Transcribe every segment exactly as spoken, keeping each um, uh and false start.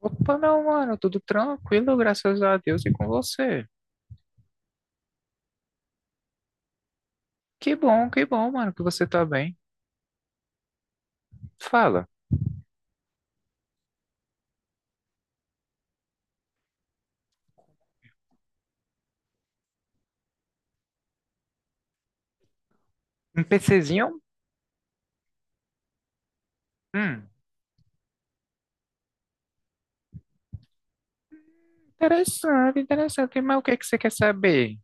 Opa, não, mano, tudo tranquilo, graças a Deus e com você. Que bom, que bom, mano, que você tá bem. Fala, um PCzinho? Hum, interessante, interessante, mas o que é que você quer saber?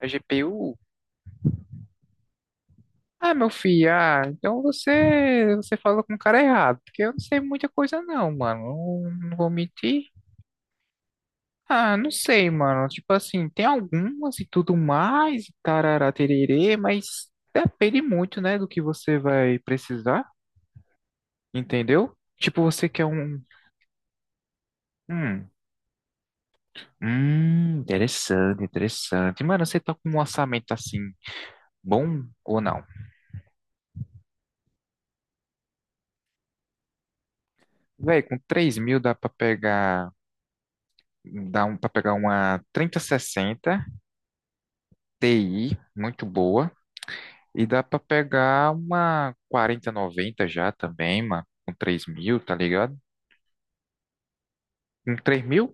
A G P U? Ah, meu filho, ah, então você, você falou com o cara errado, porque eu não sei muita coisa não, mano. Não, não vou mentir. Ah, não sei, mano, tipo assim, tem algumas e tudo mais, tarará, tererê, mas depende muito, né, do que você vai precisar. Entendeu? Tipo, você quer um. Hum, hum, interessante, interessante. Mano, você tá com um orçamento assim, bom ou não? Véi, com três mil dá pra pegar. Dá um, pra pegar uma trinta sessenta Ti, muito boa. E dá pra pegar uma quarenta noventa já também, mano. Com três mil, tá ligado? Com três mil?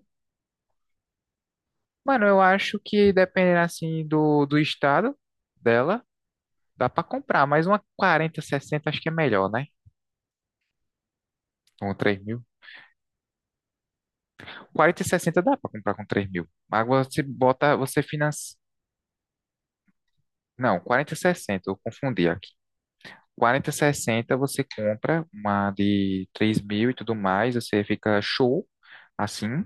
Mano, eu acho que dependendo assim do, do estado dela, dá pra comprar. Mas uma quarenta sessenta acho que é melhor, né? Com três mil. Quarenta e sessenta dá para comprar com três mil. Agora você bota, você financia. Não, quarenta e sessenta eu confundi aqui. Quarenta e sessenta você compra uma de três mil e tudo mais, você fica show, assim,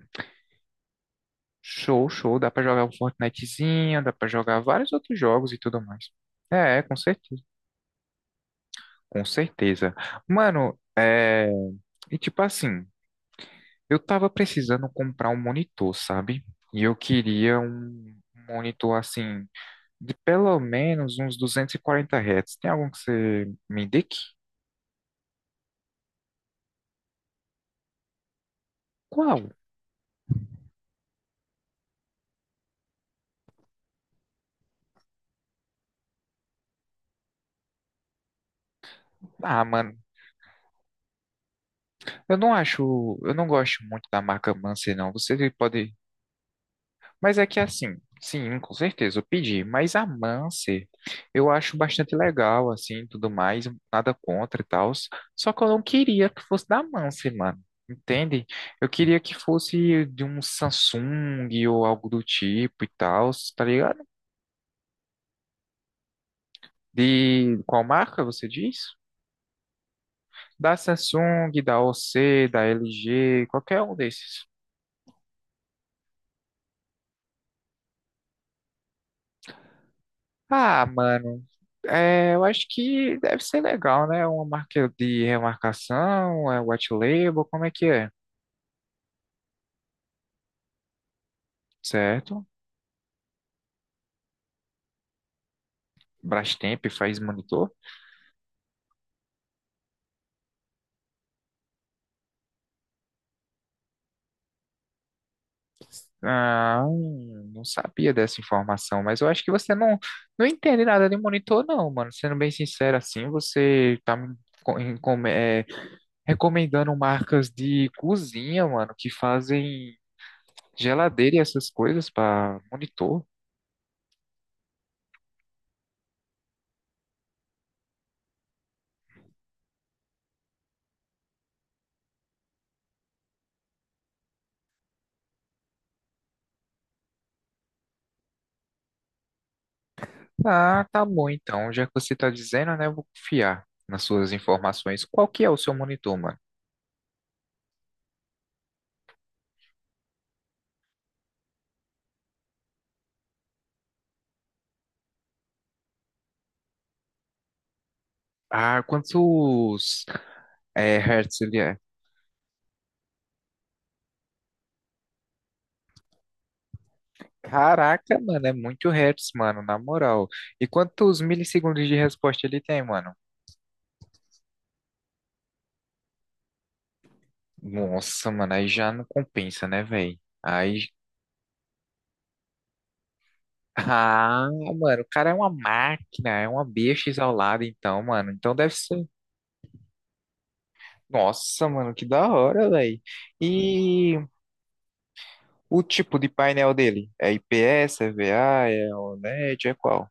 show, show. Dá para jogar um Fortnitezinho, dá para jogar vários outros jogos e tudo mais. É, é, com certeza, com certeza. Mano, é. E tipo assim, eu tava precisando comprar um monitor, sabe? E eu queria um monitor assim de pelo menos uns duzentos e quarenta Hz. Tem algum que você me indique? Qual? Ah, mano, eu não acho, eu não gosto muito da marca Mancer, não. Você pode, mas é que é assim, sim, com certeza eu pedi, mas a Mancer eu acho bastante legal, assim, tudo mais, nada contra e tal. Só que eu não queria que fosse da Mancer, mano. Entende? Eu queria que fosse de um Samsung ou algo do tipo e tal, tá ligado? De qual marca você diz? Da Samsung, da O C, da L G, qualquer um desses. Ah, mano, é, eu acho que deve ser legal, né? Uma marca de remarcação, é white label, como é que é? Certo? Brastemp faz monitor? Ah, hum, não sabia dessa informação, mas eu acho que você não, não entende nada de monitor, não, mano. Sendo bem sincero assim, você tá me co- em- com- é, recomendando marcas de cozinha, mano, que fazem geladeira e essas coisas para monitor? Ah, tá bom então. Já que você tá dizendo, né, eu vou confiar nas suas informações. Qual que é o seu monitor, mano? Ah, quantos é, hertz ele é? Caraca, mano, é muito hertz, mano, na moral. E quantos milissegundos de resposta ele tem, mano? Nossa, mano, aí já não compensa, né, velho? Aí. Ah, mano, o cara é uma máquina, é uma bicha exaulada, então, mano. Então deve ser. Nossa, mano, que da hora, velho. E o tipo de painel dele? É I P S, é V A, é OLED, é qual?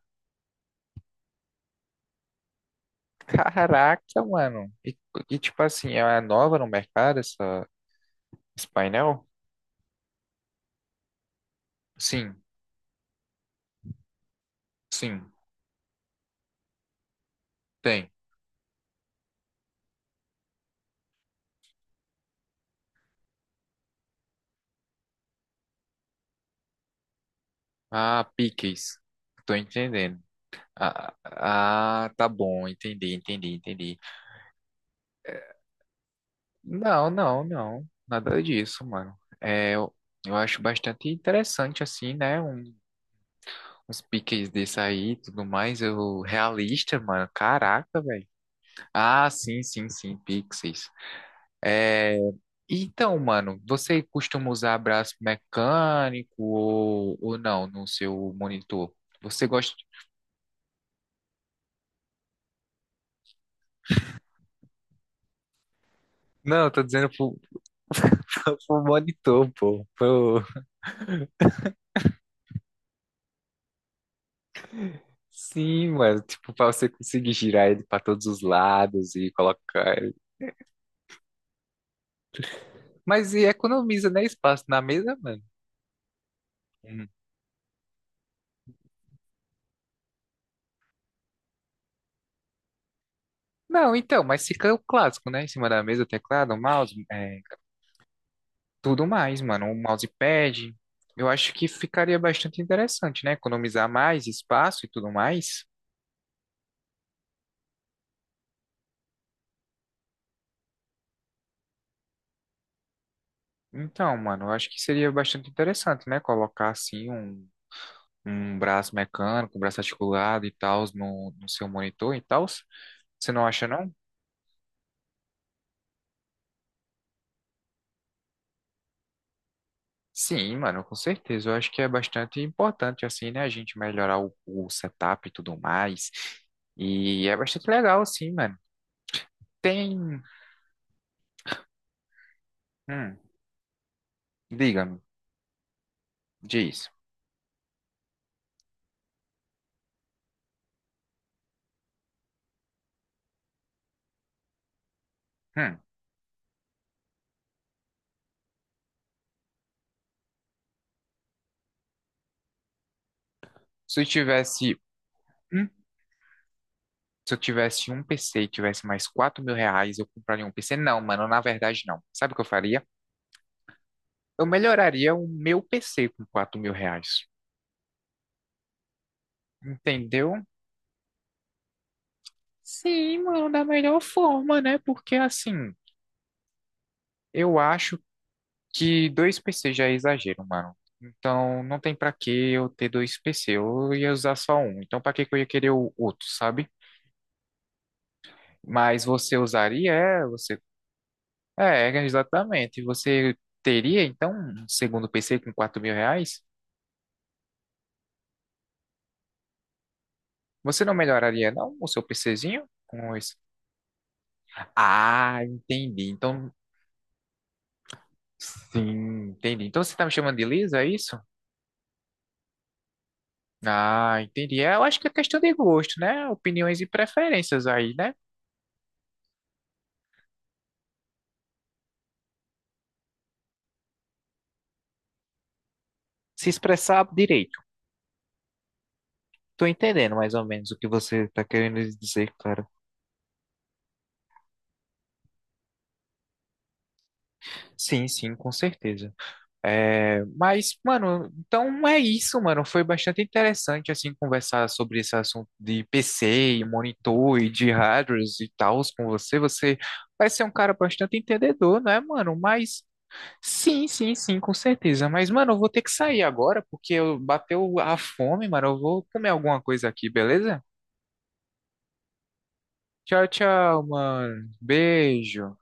Caraca, mano. E, e, tipo assim, é nova no mercado essa, esse painel? Sim, sim, tem. Ah, piques. Tô entendendo. Ah, ah, tá bom, entendi, entendi, entendi. Não, não, não. Nada disso, mano. É, eu, eu acho bastante interessante, assim, né? Um, Os piques desse aí e tudo mais, eu realista, mano. Caraca, velho. Ah, sim, sim, sim, Pixies. É, então, mano, você costuma usar braço mecânico ou, ou não no seu monitor? Você gosta. Não, eu tô dizendo pro, pro monitor, pô. Pro- Sim, mano, tipo, pra você conseguir girar ele pra todos os lados e colocar ele. Mas e economiza, né, espaço na mesa, mano? Não, então, mas fica o clássico, né? Em cima da mesa, teclado, mouse, é, tudo mais, mano. Um mousepad. Eu acho que ficaria bastante interessante, né? Economizar mais espaço e tudo mais. Então, mano, eu acho que seria bastante interessante, né? Colocar assim um, um braço mecânico, um braço articulado e tal no, no seu monitor e tal. Você não acha, não? Sim, mano, com certeza. Eu acho que é bastante importante, assim, né? A gente melhorar o, o setup e tudo mais. E é bastante legal, assim, mano. Tem. Hum, diga-me, diz. Hum, se eu tivesse. hum, se eu tivesse um P C e tivesse mais quatro mil reais, eu compraria um P C? Não, mano, na verdade não. Sabe o que eu faria? Eu melhoraria o meu P C com quatro mil reais. Entendeu? Sim, mano, da melhor forma, né? Porque assim, eu acho que dois P Cs já é exagero, mano. Então, não tem pra que eu ter dois P C, eu ia usar só um. Então, pra que que eu ia querer o outro, sabe? Mas você usaria, é, você É, exatamente. Você teria, então, um segundo P C com quatro mil reais? Você não melhoraria, não, o seu PCzinho com isso? Ah, entendi. Então, sim, entendi. Então, você tá me chamando de Lisa, é isso? Ah, entendi. É, eu acho que é questão de gosto, né? Opiniões e preferências aí, né? Se expressar direito. Tô entendendo mais ou menos o que você tá querendo dizer, cara. Sim, sim, com certeza. É, mas, mano, então é isso, mano. Foi bastante interessante, assim, conversar sobre esse assunto de P C, e monitor e de hardwares e tals com você. Você parece ser um cara bastante entendedor, né, mano? Mas, sim, sim, sim, com certeza. Mas, mano, eu vou ter que sair agora porque eu bateu a fome, mano. Eu vou comer alguma coisa aqui, beleza? Tchau, tchau, mano. Beijo.